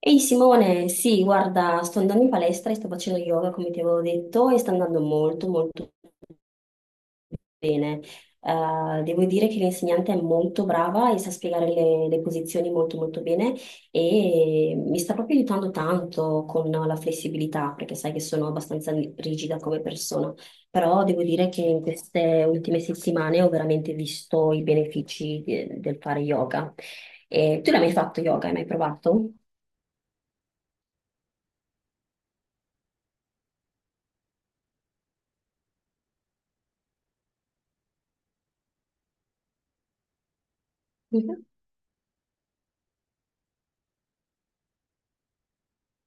Ehi Simone, sì, guarda, sto andando in palestra e sto facendo yoga come ti avevo detto e sta andando molto molto bene. Devo dire che l'insegnante è molto brava e sa spiegare le posizioni molto molto bene e mi sta proprio aiutando tanto con la flessibilità perché sai che sono abbastanza rigida come persona, però devo dire che in queste ultime settimane ho veramente visto i benefici del fare yoga. E tu l'hai mai fatto yoga? Hai mai provato? Mhm,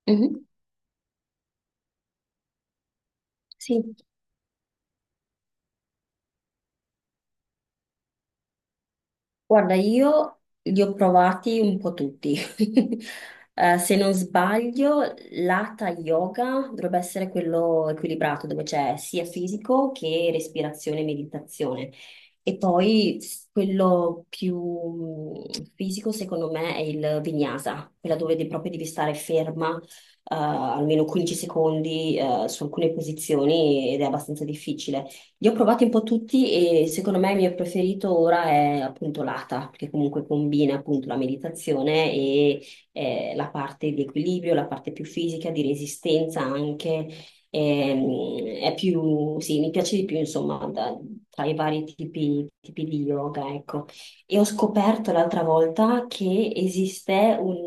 mhm. Sì, guarda, io li ho provati un po' tutti. Se non sbaglio, l'hatha yoga dovrebbe essere quello equilibrato, dove c'è sia fisico che respirazione e meditazione. E poi quello più fisico, secondo me, è il vinyasa, quella dove proprio devi stare ferma, almeno 15 secondi, su alcune posizioni ed è abbastanza difficile. Io ho provati un po' tutti e secondo me il mio preferito ora è appunto l'Ata, perché comunque combina appunto la meditazione e la parte di equilibrio, la parte più fisica, di resistenza anche. È più, sì, mi piace di più insomma tra i vari tipi di yoga, ecco. E ho scoperto l'altra volta che esiste un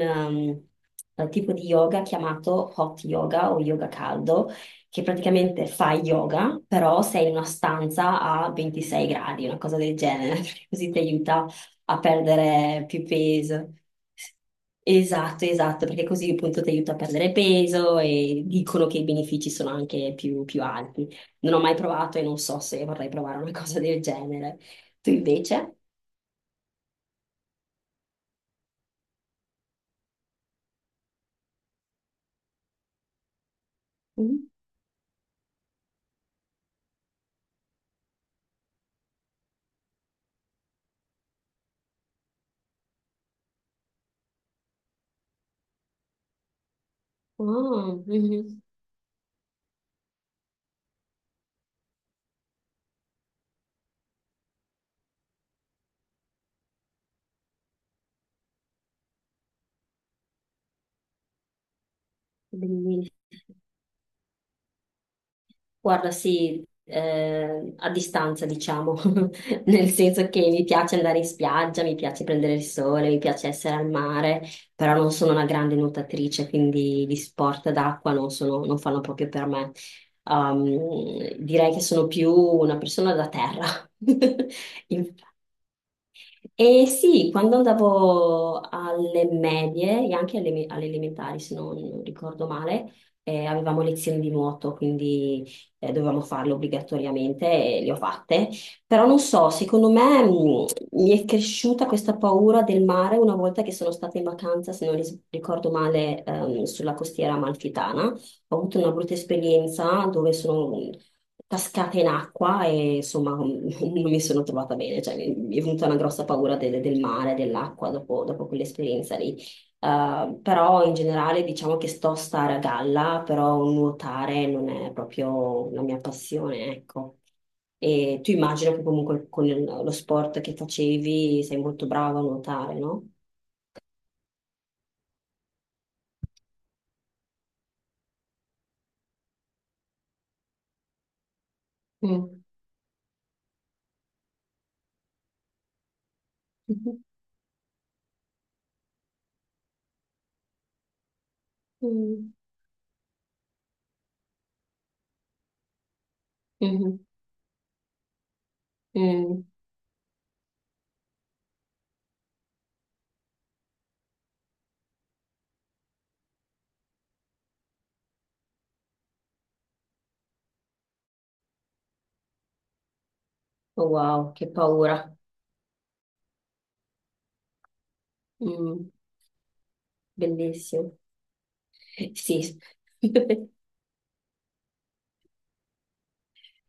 tipo di yoga chiamato hot yoga o yoga caldo che praticamente fai yoga, però sei in una stanza a 26 gradi, una cosa del genere, perché così ti aiuta a perdere più peso. Esatto, esatto, perché così appunto ti aiuta a perdere peso e dicono che i benefici sono anche più, più alti. Non ho mai provato e non so se vorrei provare una cosa del genere. Tu invece? Mm. Oh, mhm. Benissimo. Guarda, sì, a distanza, diciamo, nel senso che mi piace andare in spiaggia, mi piace prendere il sole, mi piace essere al mare, però non sono una grande nuotatrice, quindi gli sport d'acqua non fanno proprio per me. Direi che sono più una persona da terra. Inf- e sì, quando andavo alle medie e anche alle elementari, se non ricordo male, avevamo lezioni di nuoto, quindi dovevamo farle obbligatoriamente e le ho fatte. Però non so, secondo me mi è cresciuta questa paura del mare una volta che sono stata in vacanza, se non ricordo male, sulla costiera amalfitana. Ho avuto una brutta esperienza dove sono cascata in acqua e insomma non mi sono trovata bene, cioè mi è venuta una grossa paura del mare, dell'acqua dopo, dopo quell'esperienza lì. Però in generale diciamo che sto a stare a galla, però nuotare non è proprio la mia passione, ecco. E tu immagino che comunque con lo sport che facevi sei molto brava a nuotare, no? Mm. Mm. Mm. Mhm. Mm. Oh, wow, che paura. Mm. Bellissimo. Sì.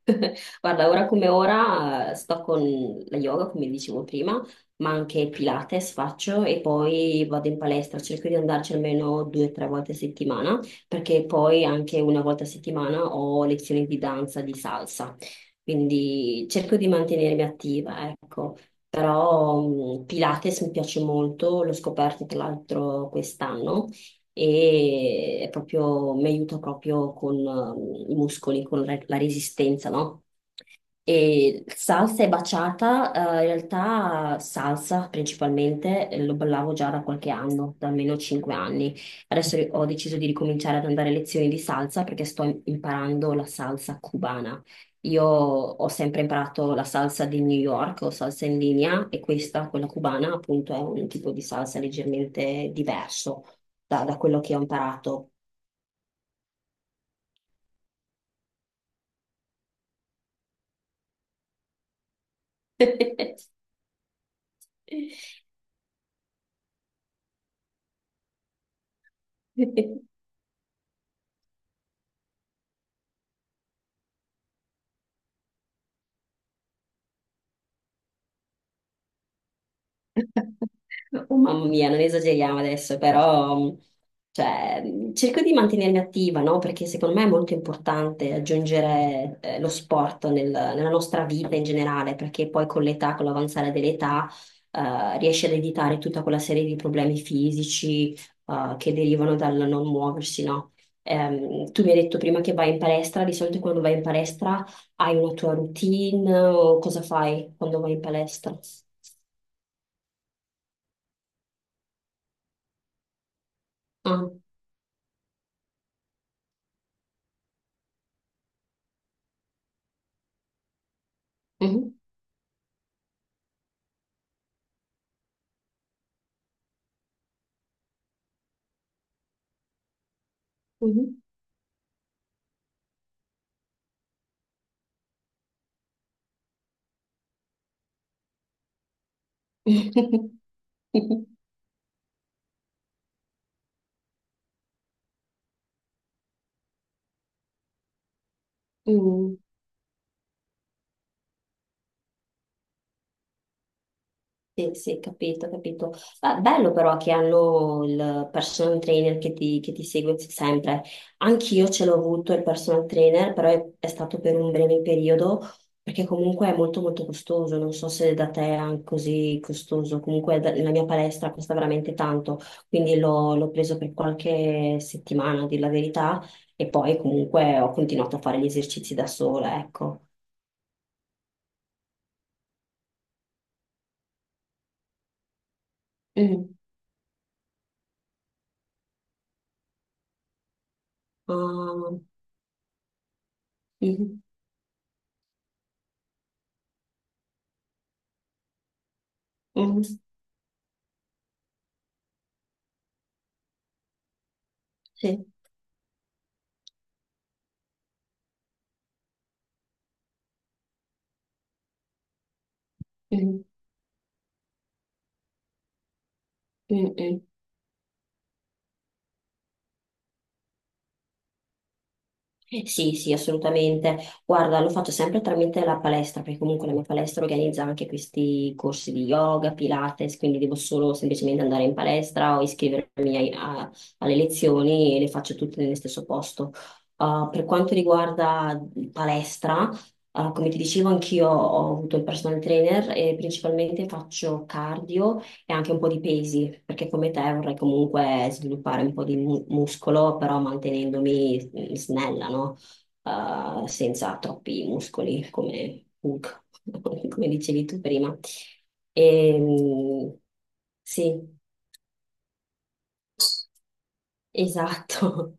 Guarda, ora come ora sto con la yoga, come dicevo prima, ma anche Pilates faccio e poi vado in palestra, cerco di andarci almeno due o tre volte a settimana, perché poi anche una volta a settimana ho lezioni di danza, di salsa, quindi cerco di mantenermi attiva, ecco. Però Pilates mi piace molto, l'ho scoperto tra l'altro quest'anno e è proprio, mi aiuta proprio con i muscoli, con la resistenza, no? E salsa e baciata in realtà salsa principalmente, lo ballavo già da qualche anno, da almeno 5 anni. Adesso ho deciso di ricominciare ad andare a lezioni di salsa perché sto imparando la salsa cubana. Io ho sempre imparato la salsa di New York o salsa in linea e questa, quella cubana, appunto è un tipo di salsa leggermente diverso da quello che ho imparato. Oh mamma mia, non esageriamo adesso, però cioè, cerco di mantenermi attiva, no? Perché secondo me è molto importante aggiungere lo sport nella nostra vita in generale, perché poi con l'età, con l'avanzare dell'età, riesci ad evitare tutta quella serie di problemi fisici che derivano dal non muoversi, no? Tu mi hai detto prima che vai in palestra, di solito quando vai in palestra hai una tua routine o cosa fai quando vai in palestra? Ah, mhm. Mhm. Mm. Sì, sì, capito, capito. Ah, bello però che hanno il personal trainer che ti segue sempre. Anch'io ce l'ho avuto il personal trainer, però è stato per un breve periodo, perché comunque è molto molto costoso. Non so se da te è anche così costoso. Comunque la mia palestra costa veramente tanto, quindi l'ho preso per qualche settimana, a dir la verità, e poi comunque ho continuato a fare gli esercizi da sola, ecco. Ah, mhm, mhm. Sì. Mhm, mhm. Sì, sì, assolutamente. Guarda, lo faccio sempre tramite la palestra, perché comunque la mia palestra organizza anche questi corsi di yoga, Pilates, quindi devo solo semplicemente andare in palestra o iscrivermi alle lezioni e le faccio tutte nello stesso posto. Ah, per quanto riguarda palestra, ah, come ti dicevo, anch'io ho avuto il personal trainer e principalmente faccio cardio e anche un po' di pesi, perché come te vorrei comunque sviluppare un po' di muscolo, però mantenendomi snella, no? Senza troppi muscoli come Hulk, come dicevi tu prima. E, mm, sì, esatto.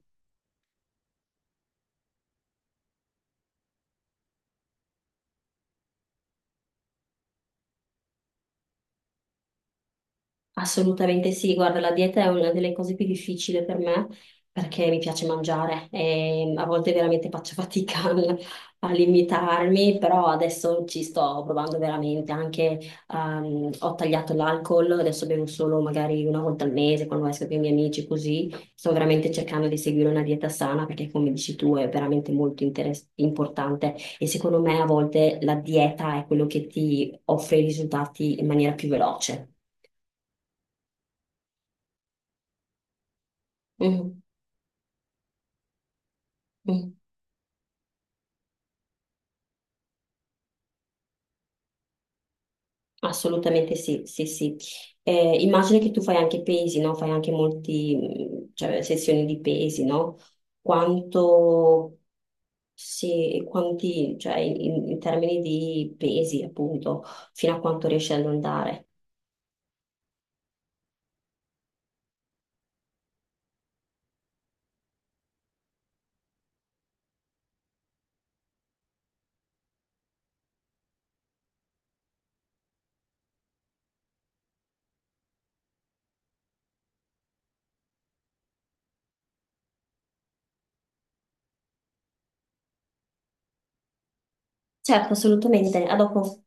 Assolutamente sì, guarda, la dieta è una delle cose più difficili per me perché mi piace mangiare e a volte veramente faccio fatica a limitarmi, però adesso ci sto provando veramente, anche ho tagliato l'alcol, adesso bevo solo magari una volta al mese quando esco con i miei amici, così sto veramente cercando di seguire una dieta sana perché come dici tu è veramente molto importante e secondo me a volte la dieta è quello che ti offre i risultati in maniera più veloce. Mhm. Mm. Assolutamente sì, sì, sì. Immagino che tu fai anche pesi, no? Fai anche molti, mm, cioè, sessioni di pesi, no? Quanto, sì, quanti, cioè, in, in termini di pesi, appunto, fino a quanto riesci ad andare. Certo, assolutamente. A dopo.